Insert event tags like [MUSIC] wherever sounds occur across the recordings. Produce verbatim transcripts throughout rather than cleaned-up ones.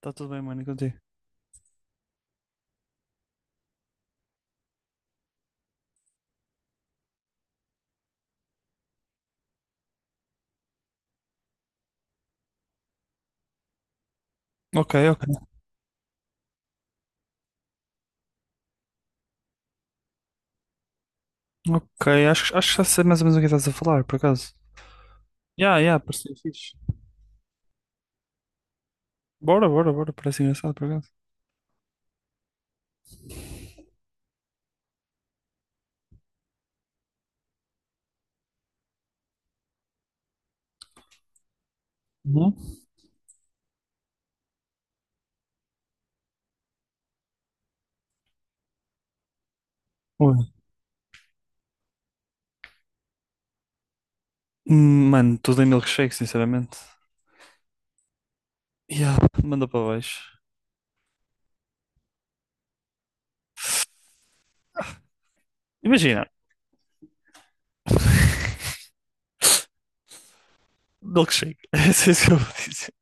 Tá tudo bem, mano, e contigo? Ok, ok. Ok, acho, acho que já sei mais ou menos o que estás a falar, por acaso. Ya, yeah, ya, yeah, parecia fixe. Bora, bora, bora, parece engraçado, por acaso. Uhum. Oi. Hum, Mano, tudo em milkshake, sinceramente. Ya, manda para baixo. Imagina, milkshake. [LAUGHS] É isso que eu vou dizer.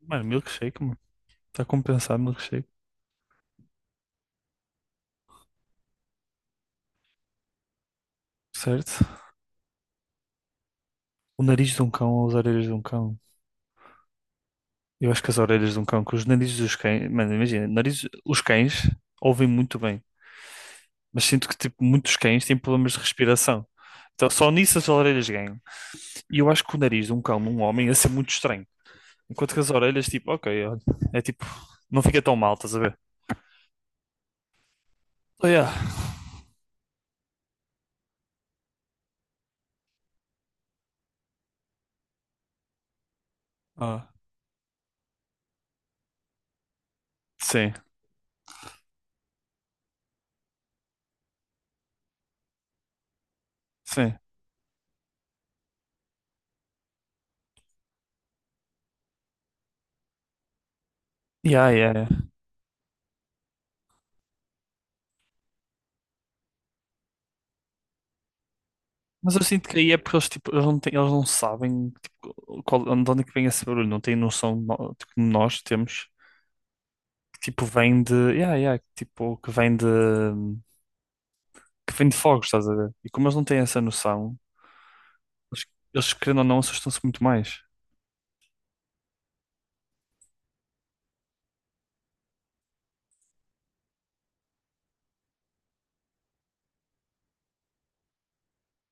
Mano, milkshake, mano. Está a compensar milkshake, certo? O nariz de um cão ou as orelhas de um cão? Eu acho que as orelhas de um cão, que os narizes dos cães. Mano, imagina, nariz, os cães ouvem muito bem, mas sinto que, tipo, muitos cães têm problemas de respiração. Então, só nisso as orelhas ganham. E eu acho que o nariz de um cão num homem ia ser muito estranho. Enquanto que as orelhas, tipo, ok, olha, é tipo, não fica tão mal, estás a ver? Oh, yeah. Ah, sim, sim. Yeah, yeah, yeah. Mas eu sinto que aí é porque eles, tipo, eles não têm, eles não sabem tipo qual, de onde é que vem esse barulho, não têm noção no- tipo como nós temos, que tipo vem de, yeah, yeah, que tipo que vem de, que vem de fogos, estás a ver? E como eles não têm essa noção, Eles, eles, querendo ou não, assustam-se muito mais.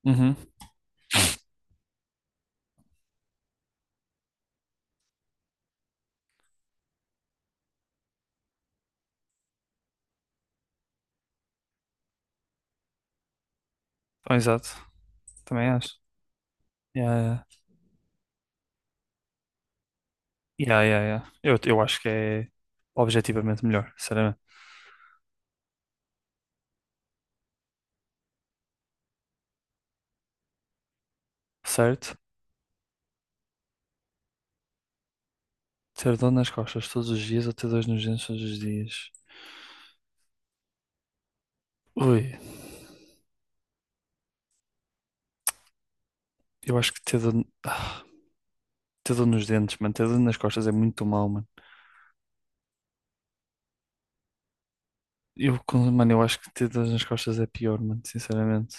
Uhum. Ah, exato. Também acho. Yeah, yeah. Yeah, yeah, yeah. Eu, eu acho que é objetivamente melhor, sinceramente. Certo? Ter dor nas costas todos os dias ou ter dor nos dentes todos os dias? Ui, eu acho que ter dor, ah, ter dor nos dentes, mano. Ter dor nas costas é muito mal, mano. Eu, com- mano, eu acho que ter dor nas costas é pior, mano, sinceramente.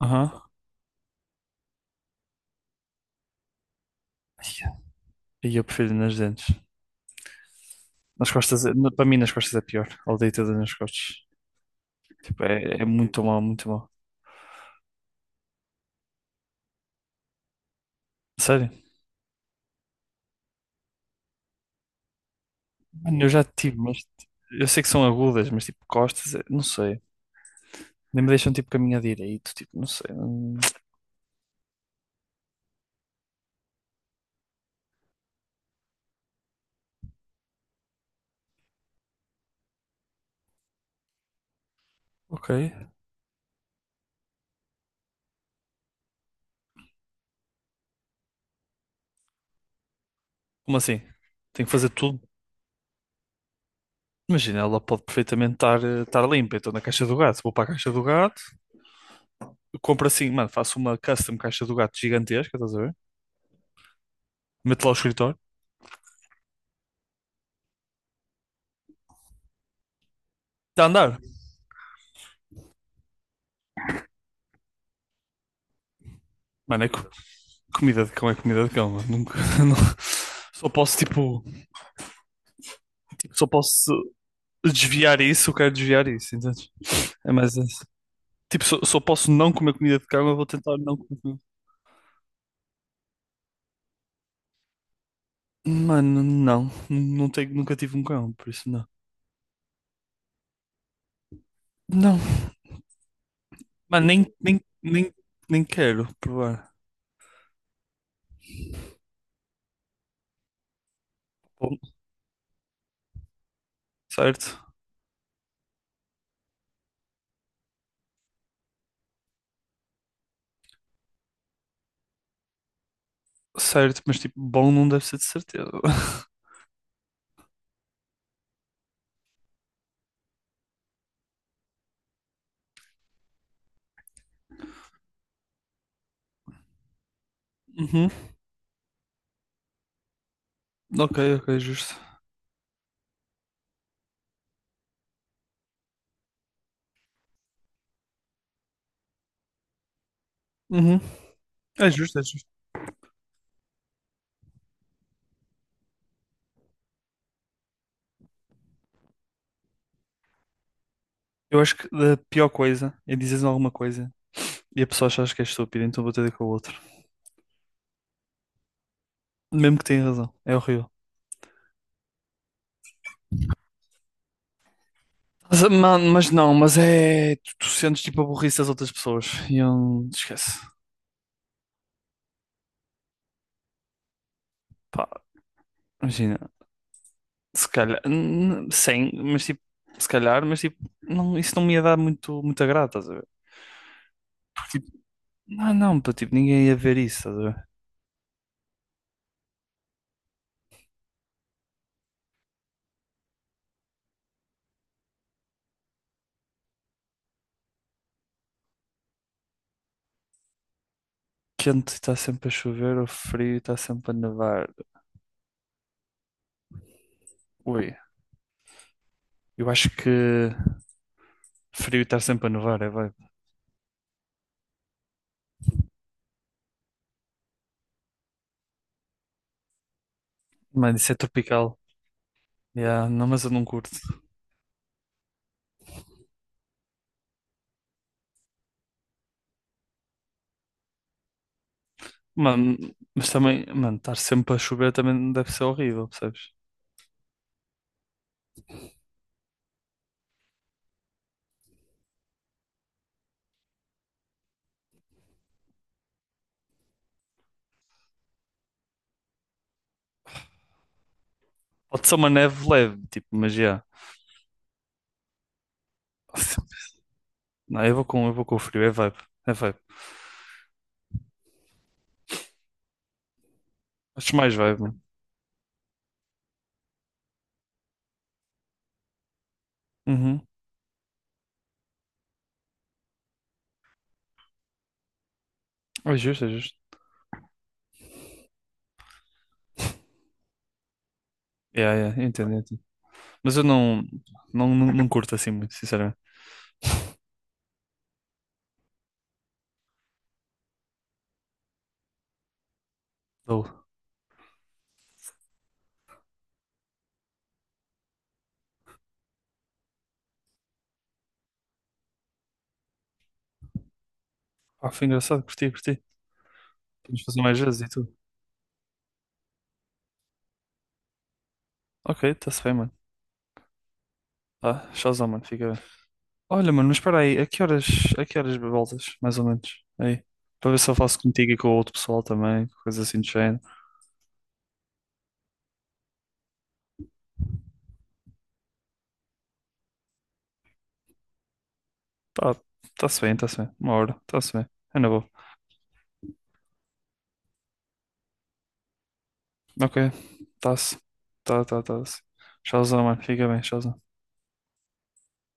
Aham. E eu prefiro nas dentes. Nas costas, é- na- para mim, nas costas é pior. Odeio ter dor nas costas. Tipo, é, é muito mal, muito mal. Sério? Mano, eu já tive, mas eu sei que são agudas, mas tipo costas, eh, não sei. Nem me deixam tipo caminhar direito, tipo, não sei. hum, ok. Como assim? Tenho que fazer tudo. Imagina, ela pode perfeitamente estar, eh, estar limpa. Então na caixa do gato, vou para a caixa do gato, eu compro assim, mano, faço uma custom caixa do gato gigantesca, estás a ver? Meto lá o escritório, está a andar. Mano, é co- comida de cão, é comida de cão, mano. Nunca, [LAUGHS] não- só posso tipo, tipo, só posso desviar isso, eu quero desviar isso, entendes? É mais isso. Tipo, só, só posso não comer comida de cão, eu vou tentar não comer comida. Mano, não. Não tenho, nunca tive um cão, por isso não. Não. Mano, nem, nem, nem, nem quero provar. Bom, certo. Certo, mas tipo, bom não deve ser de certeza. [LAUGHS] Uhum. Ok, ok, justo. Uhum. É justo, é justo. Eu acho que a pior coisa é dizeres alguma coisa e a pessoa achas que é estúpida, então vou ter de ir com o outro. Mesmo que tenha razão. É horrível. Mas, mano, mas não, mas é. Tu, tu sentes tipo a burrice das outras pessoas. E eu. Esquece. Pá. Imagina, se calhar, n- sem, mas tipo, se calhar, mas tipo, não, isso não me ia dar muito, muito agrado, estás a ver? Porque tipo, não, não, pá, tipo, ninguém ia ver isso, estás a ver? Quente está sempre a chover, ou frio está sempre a nevar. Ui, eu acho que frio está sempre a nevar, é vai. Mano, isso é tropical. Yeah, não, mas eu não curto. Mano, mas também, mano, estar sempre a chover também deve ser horrível, percebes? Pode ser uma neve leve, tipo, mas yeah. [LAUGHS] Não, eu vou com, eu vou com o frio, é vibe, é vibe. Acho mais vibe, mano. Uhum. É justo, é justo. Yeah, yeah, entendo, entendo. Mas eu não, não, não, não curto assim muito, sinceramente. Oh. Ah, foi engraçado, curti, curti. Podemos fazer mais vezes e tudo. Ok, está-se bem, mano. Tá, tchauzão, mano, fica bem. Olha, mano, mas espera aí, a que horas, a que horas voltas, mais ou menos? Aí, para ver se eu faço contigo e com o outro pessoal também, coisa assim do género. Tá, tá-se bem, tá-se bem. Uma hora, tá-se bem. É na boa. Ok, tá-se. Tá, tá, tá-se. Tchauzão, mano, fica bem, tchauzão.